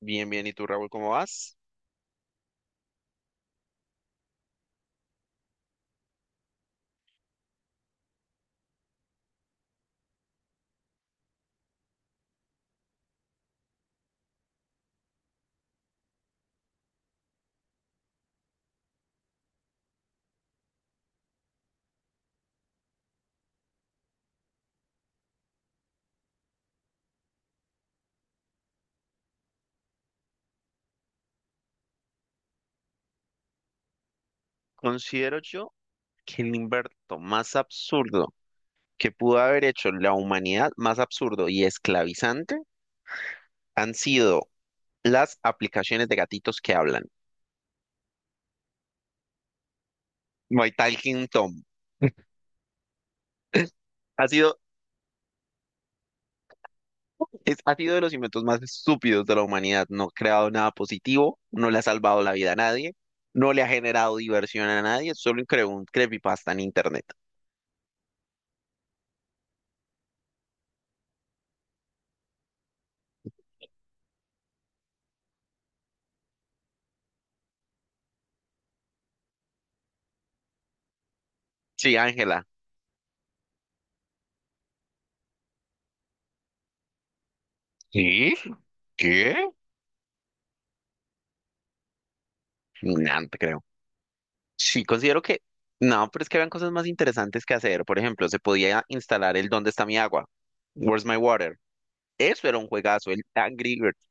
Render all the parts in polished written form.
Bien, bien. ¿Y tú, Raúl, cómo vas? Considero yo que el invento más absurdo que pudo haber hecho la humanidad, más absurdo y esclavizante, han sido las aplicaciones de gatitos que hablan. My Talking Tom. Ha sido, ha sido de los inventos más estúpidos de la humanidad. No ha creado nada positivo, no le ha salvado la vida a nadie, no le ha generado diversión a nadie, solo creó un creepypasta en internet. Sí, Ángela. ¿Sí? ¿Qué? Nada, no te creo. Sí, considero que no, pero es que habían cosas más interesantes que hacer. Por ejemplo, se podía instalar el ¿Dónde está mi agua? Where's my water? Eso era un juegazo, el Angry Birds.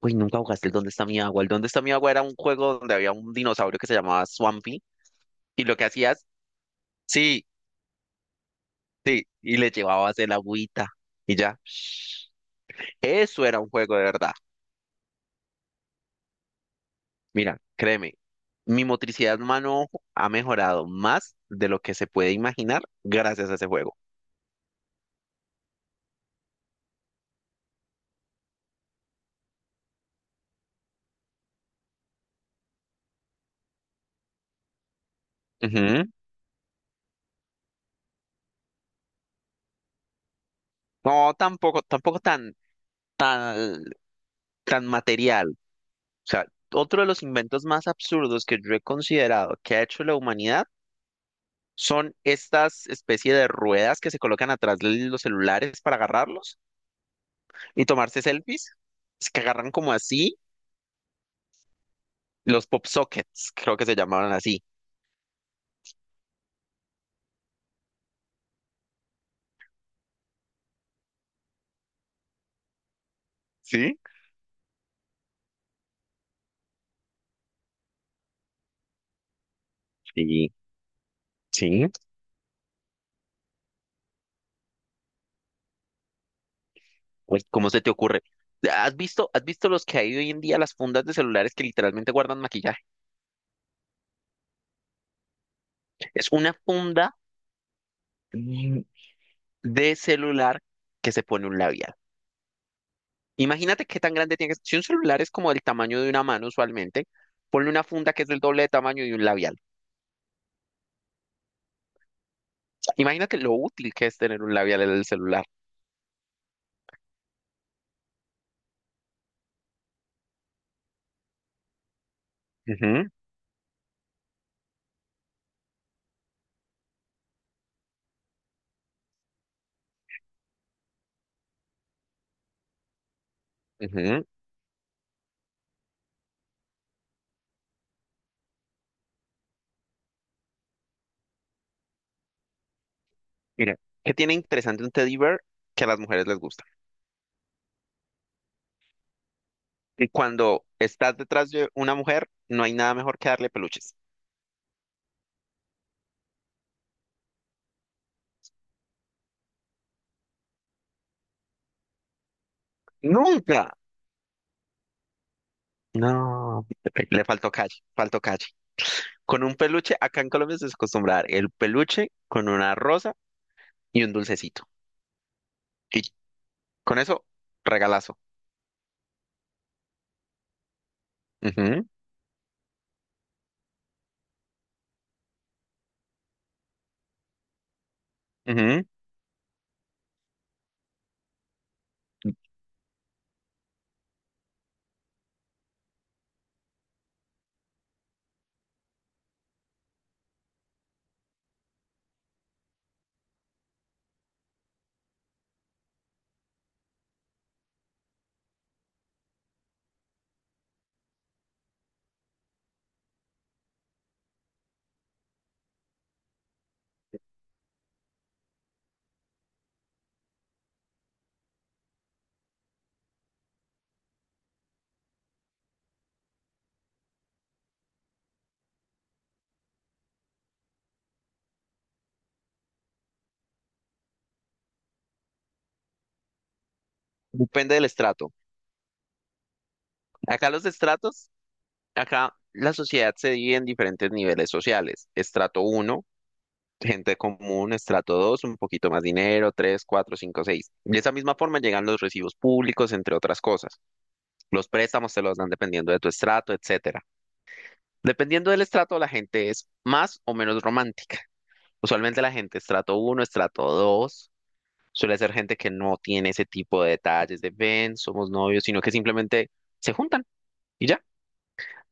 Uy, nunca jugaste el ¿Dónde está mi agua? El ¿Dónde está mi agua? Era un juego donde había un dinosaurio que se llamaba Swampy y lo que hacías, sí, sí, y le llevabas el agüita y ya. Eso era un juego de verdad. Mira, créeme, mi motricidad mano ha mejorado más de lo que se puede imaginar gracias a ese juego. Ujú. No, tampoco, tampoco tan tan, tan material. O sea, otro de los inventos más absurdos que yo he considerado que ha hecho la humanidad son estas especie de ruedas que se colocan atrás de los celulares para agarrarlos y tomarse selfies. Es que agarran como así, los pop sockets, creo que se llamaban así. ¿Sí? Sí, sí. Pues, ¿cómo se te ocurre? ¿Has visto los que hay hoy en día, las fundas de celulares que literalmente guardan maquillaje? Es una funda mm, de celular que se pone un labial. Imagínate qué tan grande tiene que ser. Si un celular es como del tamaño de una mano usualmente, ponle una funda que es del doble de tamaño de un labial. Imagínate lo útil que es tener un labial en el celular. Ujú, ujú. Mira, ¿qué tiene interesante un teddy bear que a las mujeres les gusta? Y cuando estás detrás de una mujer, no hay nada mejor que darle peluches. ¡Nunca! No, le faltó calle, faltó calle. Con un peluche, acá en Colombia se acostumbra a dar el peluche con una rosa y un dulcecito. Y con eso, regalazo. Ujú, ujú. Depende del estrato. Acá los estratos, acá la sociedad se divide en diferentes niveles sociales. Estrato uno, gente común, estrato 2, un poquito más dinero, tres, 4, 5, 6. De esa misma forma llegan los recibos públicos, entre otras cosas. Los préstamos te los dan dependiendo de tu estrato, etcétera. Dependiendo del estrato, la gente es más o menos romántica. Usualmente la gente estrato uno, estrato 2 suele ser gente que no tiene ese tipo de detalles de ven, somos novios, sino que simplemente se juntan y ya.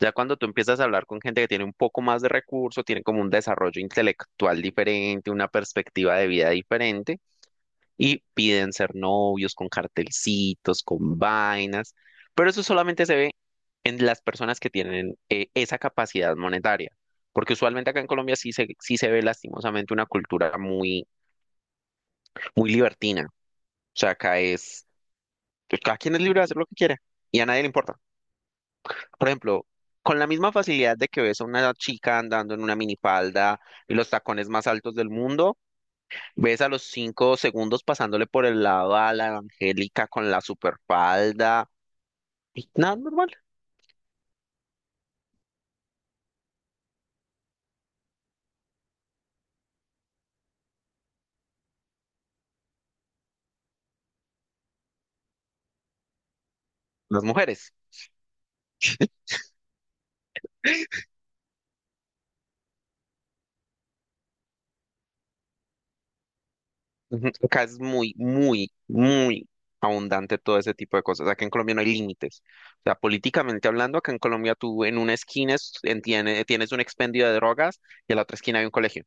Ya cuando tú empiezas a hablar con gente que tiene un poco más de recurso, tiene como un desarrollo intelectual diferente, una perspectiva de vida diferente, y piden ser novios con cartelcitos, con vainas, pero eso solamente se ve en las personas que tienen esa capacidad monetaria, porque usualmente acá en Colombia sí se ve lastimosamente una cultura muy, muy libertina, o sea, acá es, pues, cada quien es libre de hacer lo que quiera, y a nadie le importa. Por ejemplo, con la misma facilidad de que ves a una chica andando en una minifalda y los tacones más altos del mundo, ves a los 5 segundos pasándole por el lado a la Angélica con la superfalda y nada normal. Las mujeres. Ujú. Acá es muy, muy, muy abundante todo ese tipo de cosas. Acá en Colombia no hay límites. O sea, políticamente hablando, acá en Colombia tú en una esquina tienes un expendio de drogas y en la otra esquina hay un colegio.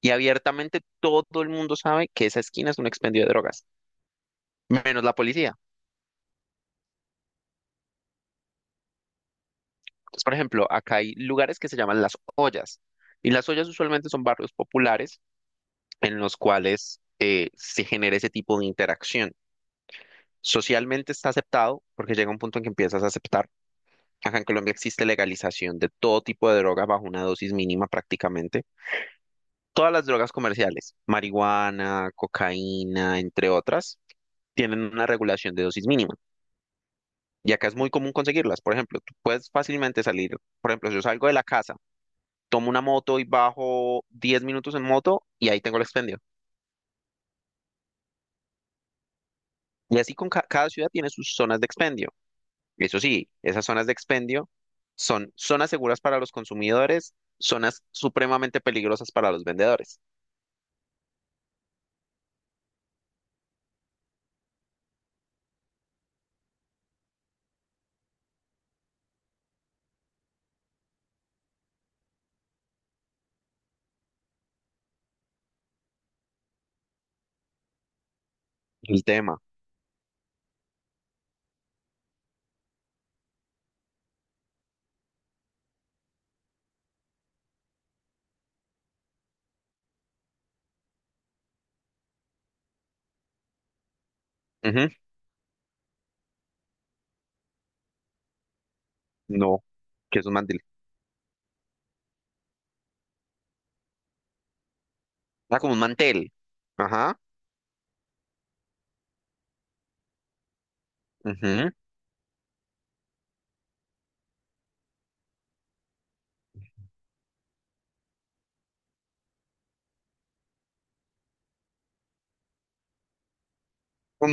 Y abiertamente todo el mundo sabe que esa esquina es un expendio de drogas, menos la policía. Entonces, por ejemplo, acá hay lugares que se llaman las ollas. Y las ollas usualmente son barrios populares en los cuales se genera ese tipo de interacción. Socialmente está aceptado porque llega un punto en que empiezas a aceptar. Acá en Colombia existe legalización de todo tipo de droga bajo una dosis mínima prácticamente. Todas las drogas comerciales, marihuana, cocaína, entre otras, tienen una regulación de dosis mínima. Y acá es muy común conseguirlas. Por ejemplo, tú puedes fácilmente salir. Por ejemplo, si yo salgo de la casa, tomo una moto y bajo 10 minutos en moto y ahí tengo el expendio. Y así con cada ciudad tiene sus zonas de expendio. Eso sí, esas zonas de expendio son zonas seguras para los consumidores, zonas supremamente peligrosas para los vendedores. El tema. Ujú. No, que es un mantel. Ah, como un mantel. Ajá. Ujú. Un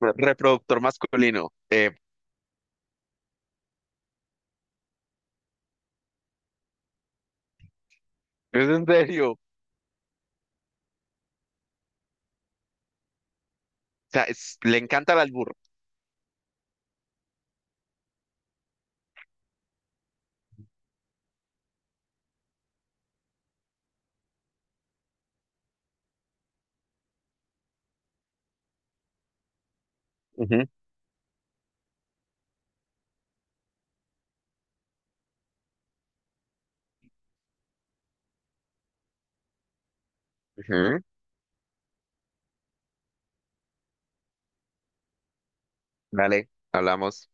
reproductor masculino. Es en serio. O sea, le encanta el albur. Ujú. Ujú. Dale, hablamos.